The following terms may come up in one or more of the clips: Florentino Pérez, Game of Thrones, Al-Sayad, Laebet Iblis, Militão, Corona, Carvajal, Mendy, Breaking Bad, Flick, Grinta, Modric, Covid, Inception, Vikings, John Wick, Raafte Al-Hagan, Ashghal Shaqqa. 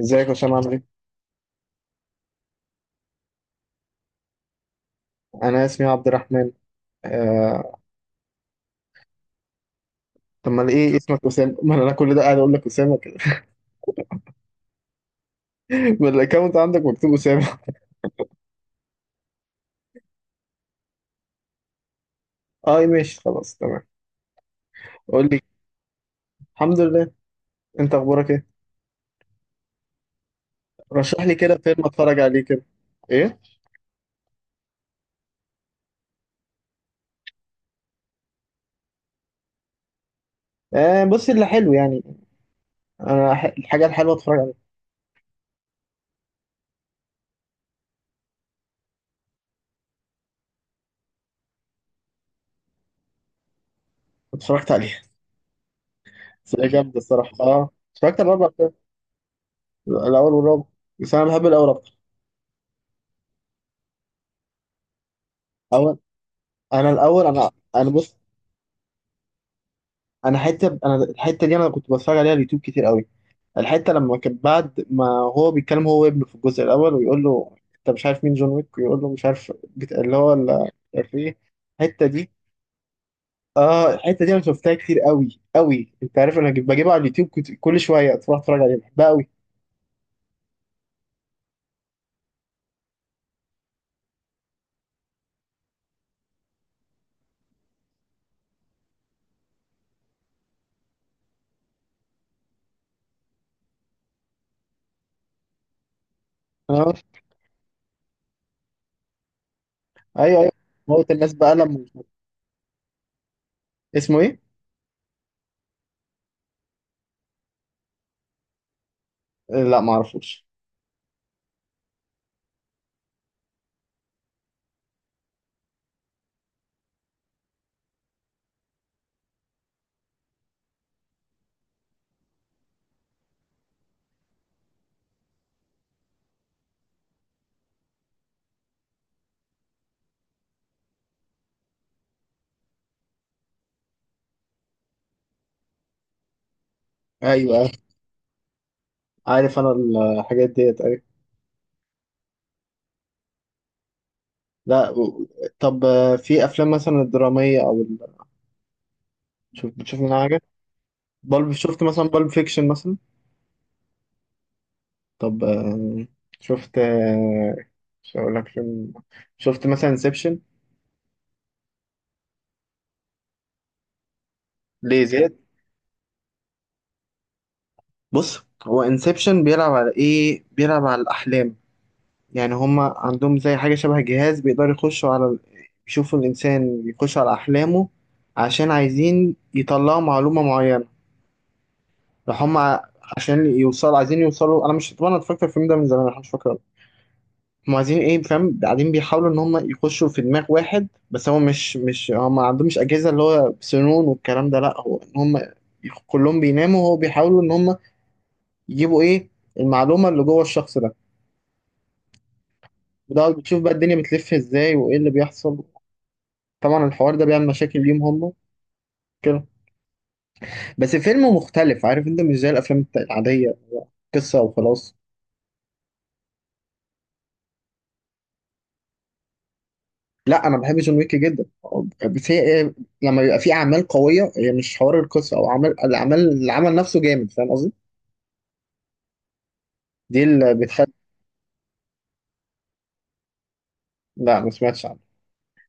ازيك يا هشام عامل ايه؟ انا اسمي عبد الرحمن. آه... طب ما ايه اسمك اسامه؟ ما انا كل ده قاعد اقول لك اسامه كده. ما الاكونت عندك مكتوب اسامه. اه ماشي خلاص تمام. قول لي، الحمد لله. انت اخبارك ايه؟ رشح لي كده فيلم اتفرج عليه كده. ايه؟ آه بص اللي حلو يعني، الحاجه الحلوه اتفرج عليها. اتفرجت عليها، بس هي جامده الصراحه اه. اتفرجت على الرابع بتاعي، الاول والرابع، بس انا بحب الاول اكتر. اول انا الاول انا انا بص انا حته انا الحته دي انا كنت بتفرج عليها على اليوتيوب كتير قوي. الحته لما كان بعد ما هو بيتكلم هو وابنه في الجزء الاول، ويقول له انت مش عارف مين جون ويك، ويقول له مش عارف مش عارف ايه. الحته دي، اه الحته دي انا شفتها كتير قوي قوي. انت عارف انا بجيبها على اليوتيوب، كنت كل شويه تروح اتفرج عليها بحبها قوي. اه ايوه ايوه، موت الناس بقى لما اسمه ايه؟ لا ما اعرفوش. ايوه أيوة، عارف انا الحاجات ديت ايوه. لا و- طب في افلام مثلا الدراميه او شوف بتشوف منها حاجه؟ شفت مثلا بالب فيكشن مثلا؟ طب شفت مش هقول لك فيلم، شفت مثلا انسبشن؟ ليه زياد. بص هو انسبشن بيلعب على ايه، بيلعب على الاحلام. يعني هما عندهم زي حاجه شبه جهاز بيقدروا يخشوا على يشوفوا الانسان، يخش على احلامه عشان عايزين يطلعوا معلومه معينه. راح هما ع- عشان يوصلوا، عايزين يوصلوا. انا مش، طبعا أنا اتفرجت على الفيلم ده من زمان، انا مش فاكره هم عايزين ايه، فاهم؟ قاعدين بيحاولوا ان هم يخشوا في دماغ واحد، بس هو مش هم، ما عندهمش اجهزه اللي هو سنون والكلام ده، لا هو ان هم كلهم بيناموا، وهو بيحاولوا ان هم يجيبوا ايه، المعلومه اللي جوه الشخص ده. وده بتشوف بقى الدنيا بتلف ازاي وايه اللي بيحصل. طبعا الحوار ده بيعمل مشاكل ليهم هم كده. بس فيلم مختلف، عارف؟ انت مش زي الافلام العاديه، هو قصه وخلاص. لا انا بحب جون ويك جدا، بس هي لما بيبقى في اعمال قويه، هي مش حوار القصه او عمل الاعمال، العمل نفسه جامد، فاهم قصدي؟ دي اللي بتخلي. لا ما سمعتش عنه.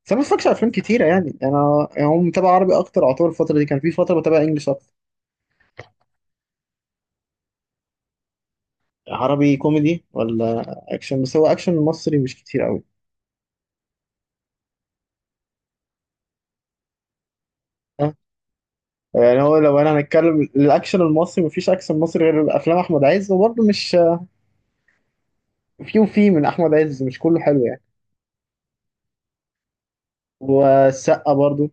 بس انا ما بتفرجش على افلام كتيره يعني، انا يعني هم متابع عربي اكتر. اعتبر الفتره دي كان في فتره بتابع انجلش اكتر. عربي كوميدي ولا اكشن؟ بس هو اكشن مصري مش كتير قوي. أه؟ يعني هو لو انا هنتكلم الاكشن المصري، مفيش اكشن مصري غير افلام احمد عز، وبرضه مش، في وفي، من احمد عز مش كله حلو يعني. والسقا برضه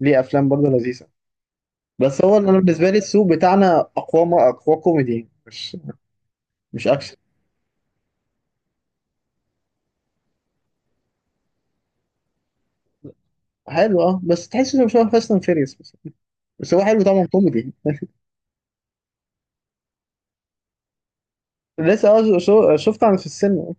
ليه افلام برضه لذيذه. بس هو انا بالنسبه لي السوق بتاعنا اقوى، ما اقوى كوميدي مش اكشن. حلو اه، بس تحس انه شبه فاست اند فيريوس بس، بس هو حلو طبعا كوميدي. لسه اه، شفت عن في السينما.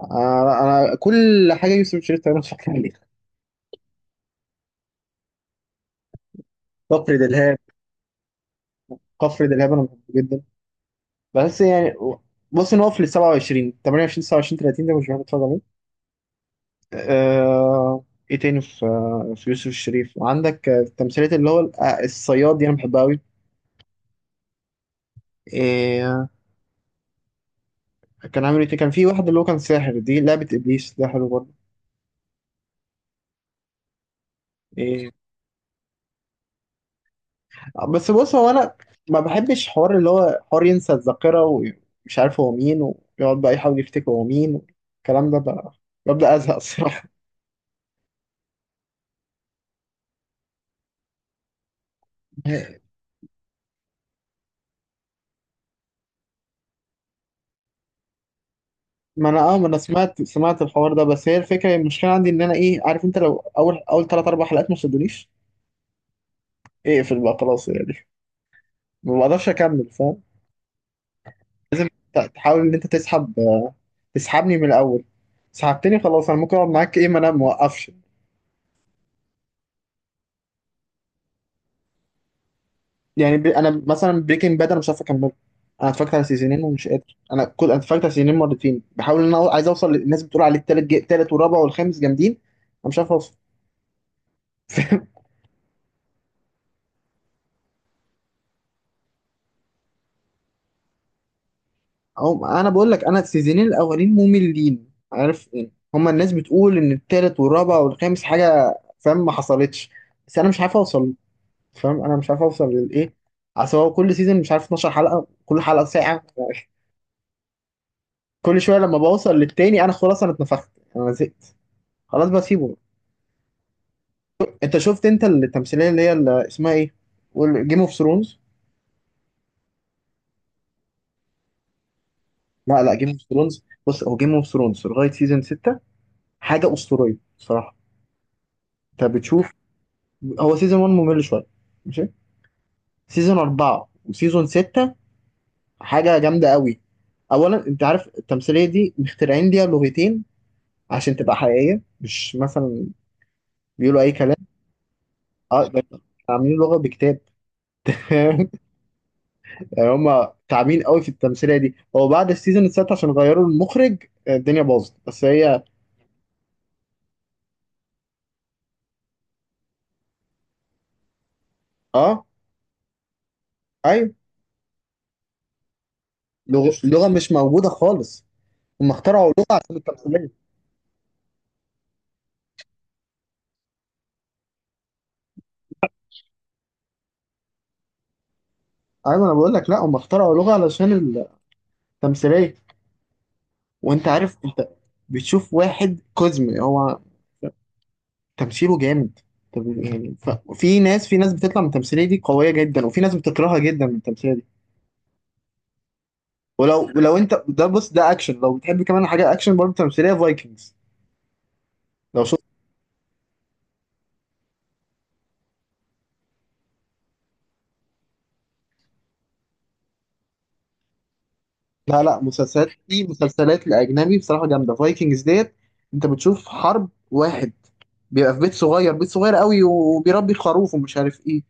انا، كل حاجه يوسف شريف تقريبا اتفرجت عليها. كفر دلهاب، كفر دلهاب انا بحبه جدا، بس يعني بص ان هو في ال 27 28 29 30 ده مش بحب اتفرج عليه. آه، ايه تاني في، في يوسف الشريف عندك تمثيلات اللي هو الصياد دي انا بحبها قوي. كان عامل ايه تاني؟ كان في واحد اللي هو كان ساحر، دي لعبة ابليس، ده حلو برضه. ايه بس بص، هو انا ما بحبش حوار اللي هو حوار ينسى الذاكرة ومش عارف هو مين، ويقعد بقى يحاول يفتكر هو مين، الكلام ده بقى ببدأ ازهق الصراحة. ما انا اه، ما انا سمعت الحوار ده، بس هي الفكرة المشكلة عندي ان انا ايه، عارف؟ انت لو اول ثلاث اربع حلقات ما شدونيش، اقفل بقى خلاص يعني، ما بقدرش اكمل فاهم. تحاول ان انت تسحب تسحبني من الاول، سحبتني خلاص، انا ممكن اقعد معاك. ايه، ما انا موقفش. يعني انا مثلا بريكنج باد انا مش عارف اكمله. انا اتفرجت على سيزونين ومش قادر، انا اتفرجت على سيزونين مرتين، بحاول ان انا عايز اوصل، للناس بتقول عليه التالت التالت والرابع والخامس جامدين، انا مش عارف اوصل. انا بقول لك، انا السيزونين الاولين مملين، عارف يعني؟ هما الناس بتقول ان التالت والرابع والخامس حاجه، فاهم؟ ما حصلتش، بس انا مش عارف اوصل، فاهم؟ انا مش عارف اوصل للايه. اصل هو كل سيزون مش عارف 12 حلقه، كل حلقه ساعه. كل شويه لما بوصل للتاني انا خلاص، انا اتنفخت انا زهقت، خلاص بسيبه. انت شفت التمثيليه اللي هي اللي اسمها ايه، جيم اوف ثرونز؟ لا جيم اوف ثرونز بص، هو جيم اوف ثرونز لغايه سيزون 6 حاجه اسطوريه بصراحه. انت بتشوف، هو سيزون 1 ممل شويه، ماشي، سيزون 4 وسيزون 6 حاجه جامده قوي. اولا انت عارف التمثيليه دي مخترعين ليها لغتين عشان تبقى حقيقيه، مش مثلا بيقولوا اي كلام. اه ده، عاملين لغه بكتاب. يعني هم تعبين قوي في التمثيليه دي. هو بعد السيزون السادس عشان غيروا المخرج الدنيا باظت، بس هي اه ايوه، لغه مش موجوده خالص، هم اخترعوا لغه تمثيليه. ايوه انا بقول لك، لا هم اخترعوا لغه علشان التمثيليه. وانت عارف انت بتشوف واحد كوزمي، هو تمثيله جامد. طب يعني في ناس بتطلع من التمثيليه دي قويه جدا، وفي ناس بتكرهها جدا من التمثيليه دي. ولو انت ده بص، ده اكشن لو بتحب، كمان حاجه اكشن برضه تمثيليه فايكنجز. لو لا لا، مسلسلات دي مسلسلات الأجنبي بصراحة جامدة، فايكنجز ديت. أنت بتشوف حرب واحد بيبقى في بيت صغير قوي، وبيربي خروف ومش عارف إيه،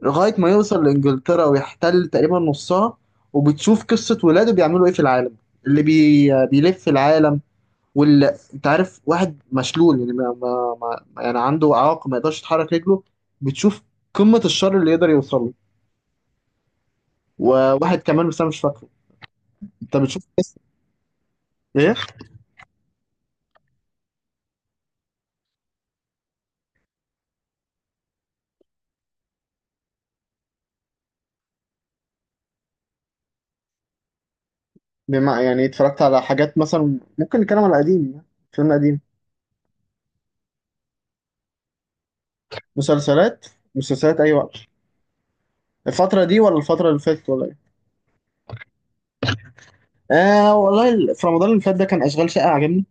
لغاية ما يوصل لإنجلترا ويحتل تقريبا نصها. وبتشوف قصة ولاده بيعملوا إيه في العالم، بيلف في العالم، واللي أنت عارف واحد مشلول، يعني ما... ما... ما... يعني عنده إعاقة ما يقدرش يتحرك رجله. بتشوف قمة الشر اللي يقدر يوصل له. وواحد كمان بس أنا مش فاكره. أنت بتشوف قصة. إيه؟ بما يعني اتفرجت على حاجات، مثلا ممكن نتكلم على قديم، فيلم قديم؟ مسلسلات، مسلسلات أي وقت، الفترة دي ولا الفترة اللي فاتت ولا إيه؟ آه والله في رمضان اللي فات ده كان أشغال شقة عجبني.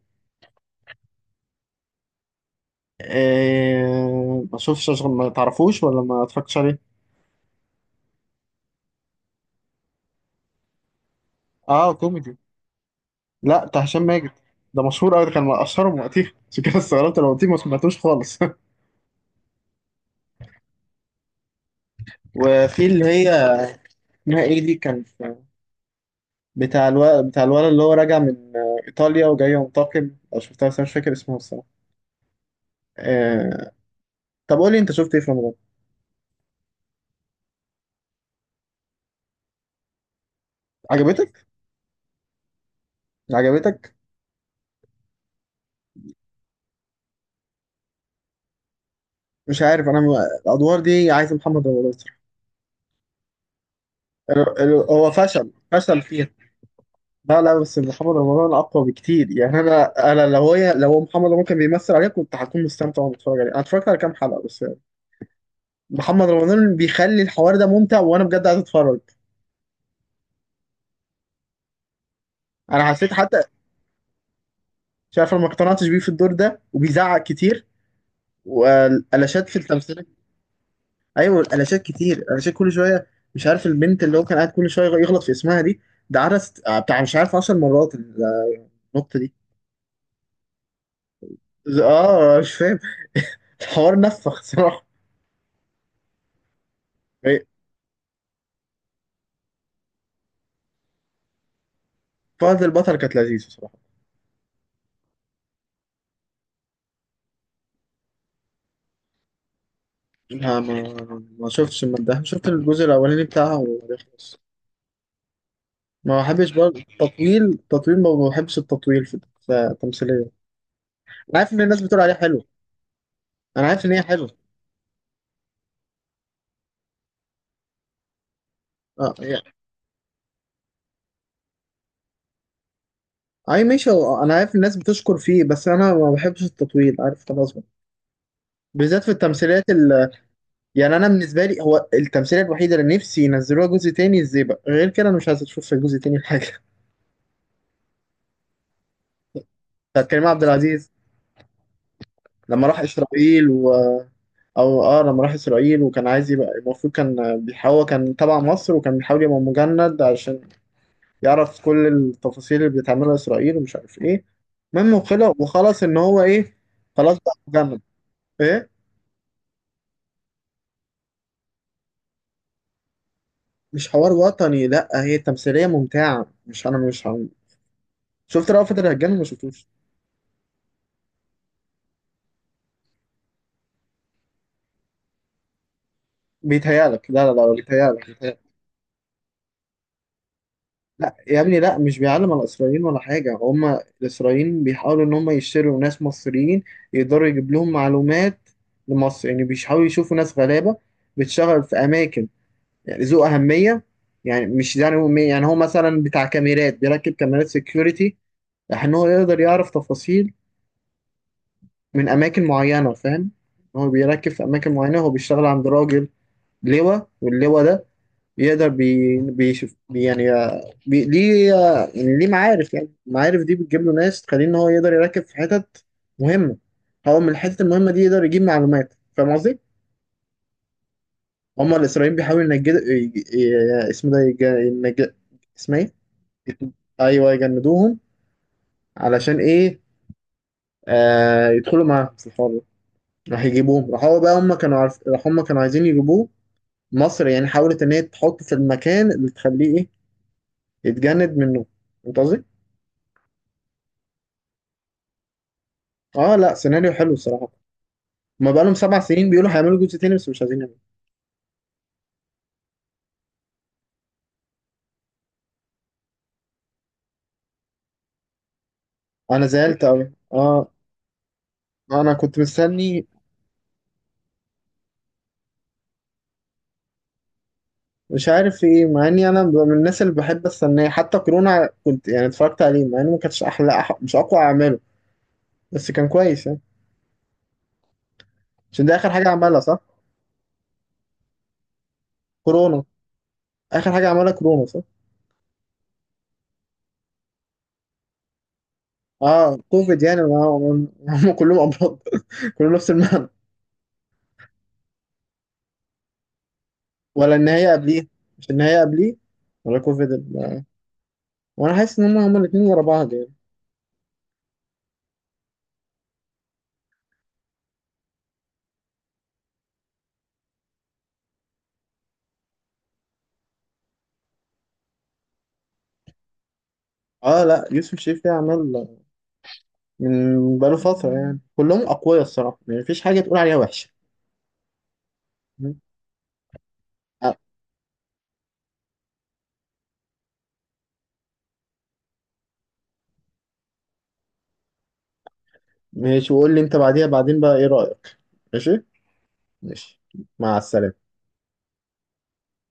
آه ما شوفش أشغال، ما تعرفوش ولا ما اتفرجتش عليه؟ آه كوميدي، لا بتاع هشام ماجد. ده مشهور أوي، ده كان من أشهرهم وقتها. عشان كده استغربت لو قلتيه ما سمعتوش خالص. وفي اللي هي اسمها إيه دي، بتاع الولد، بتاع الولد اللي هو راجع من إيطاليا وجاي ينتقم. أو شفتها بس أنا مش فاكر اسمها الصراحة. آه، طب قول لي انت شفت ايه في رمضان. عجبتك؟ عجبتك؟ مش عارف انا الادوار دي عايز محمد رمضان صراحة. هو فشل فيها. لا لا، بس محمد رمضان اقوى بكتير يعني. انا لو هي، لو محمد رمضان كان بيمثل عليه كنت هكون مستمتع وانا بتفرج عليه. انا اتفرجت على كام حلقه بس يعني. محمد رمضان بيخلي الحوار ده ممتع، وانا بجد عايز اتفرج. انا حسيت حتى، شايف انا ما اقتنعتش بيه في الدور ده، وبيزعق كتير والالاشات في التمثيل. ايوه الالاشات كتير، الالاشات كل شويه. مش عارف البنت اللي هو كان قاعد كل شويه يغلط في اسمها دي، ده عرس بتاع مش عارف 10 مرات النقطه دي. اه مش فاهم، الحوار نفخ صراحه. إيه، فهد البطل كانت لذيذه صراحه. لا ما شفتش من ده، شفت الجزء الاولاني بتاعها وخلاص. ما بحبش برضه التطويل، تطويل ما بحبش التطويل في، في التمثيليه. انا عارف ان الناس بتقول عليه حلو. انا عارف ان هي حلوه، اه يعني. اي ماشي، انا عارف الناس بتشكر فيه، بس انا ما بحبش التطويل، عارف؟ خلاص بقى، بالذات في التمثيليات يعني انا بالنسبه لي هو التمثيليه الوحيده اللي نفسي ينزلوها جزء تاني الزيبق، غير كده انا مش عايز اشوف في جزء تاني حاجه. بتاعت كريم عبد العزيز. لما راح اسرائيل و، او اه لما راح اسرائيل وكان عايز يبقى، المفروض كان بيحاول، كان تبع مصر وكان بيحاول يبقى مجند عشان يعرف كل التفاصيل اللي بتعملها اسرائيل ومش عارف ايه. المهم وخلص، وخلص ان هو ايه، خلاص بقى مجند. ايه مش حوار وطني، لا هي تمثيليه ممتعه، مش انا مش شفت رأفت الهجان ولا ما شفتوش؟ بيتهيألك، لا بيتهيألك، بيتهيألك. يا ابني لا، مش بيعلم على الإسرائيليين ولا حاجة. هما الإسرائيليين بيحاولوا إن هما يشتروا ناس مصريين يقدروا يجيب لهم معلومات لمصر. يعني بيحاولوا يشوفوا ناس غلابة بتشتغل في أماكن يعني ذو أهمية. يعني مش يعني هو، يعني هو مثلا بتاع كاميرات، بيركب كاميرات سيكيورتي عشان هو يقدر يعرف تفاصيل من أماكن معينة، فاهم؟ هو بيركب في أماكن معينة، هو بيشتغل عند راجل لواء، واللواء ده يقدر بيشوف يعني بي ليه يعني ليه معارف، يعني المعارف دي بتجيب له ناس تخليه ان هو يقدر يركز في حتت مهمه. هو من الحتت المهمه دي يقدر يجيب معلومات، فاهم قصدي؟ هما الاسرائيليين بيحاولوا ي- اسمه ده ينجد، اسمها ايه؟ يت- ايوه يجندوهم. علشان ايه؟ آه يدخلوا معاهم في الحوار ده. راح يجيبوهم راح هو بقى هما كانوا عارف، هما كانوا عايزين يجيبوه مصر يعني، حاولت ان هي تحطه في المكان اللي تخليه ايه، يتجند منه، انت قصدي؟ اه لا، سيناريو حلو الصراحه. ما بقالهم سبع سنين بيقولوا هيعملوا جزء تاني، بس مش عايزين يعملوا. انا زعلت قوي اه، انا كنت مستني. مش عارف في ايه، مع اني انا من الناس اللي بحب استناه. حتى كورونا كنت يعني اتفرجت عليه، مع انه ما كانش احلى، مش اقوى اعماله، بس كان كويس يعني. عشان ده اخر حاجه عملها، صح؟ كورونا اخر حاجه عملها كورونا صح. اه كوفيد، يعني ما هم كلهم امراض. كلهم نفس المعنى. ولا النهايه قبليه؟ مش النهايه قبليه؟ ولا كوفيد وانا حاسس ان هم هما الاثنين ورا بعض يعني. اه لا يوسف شريف ليه اعمال من بقاله فترة يعني، كلهم أقوياء الصراحة، يعني مفيش حاجة تقول عليها وحشة. أه. ماشي وقول لي أنت بعديها بعدين بقى إيه رأيك. ماشي. ماشي، مع السلامة.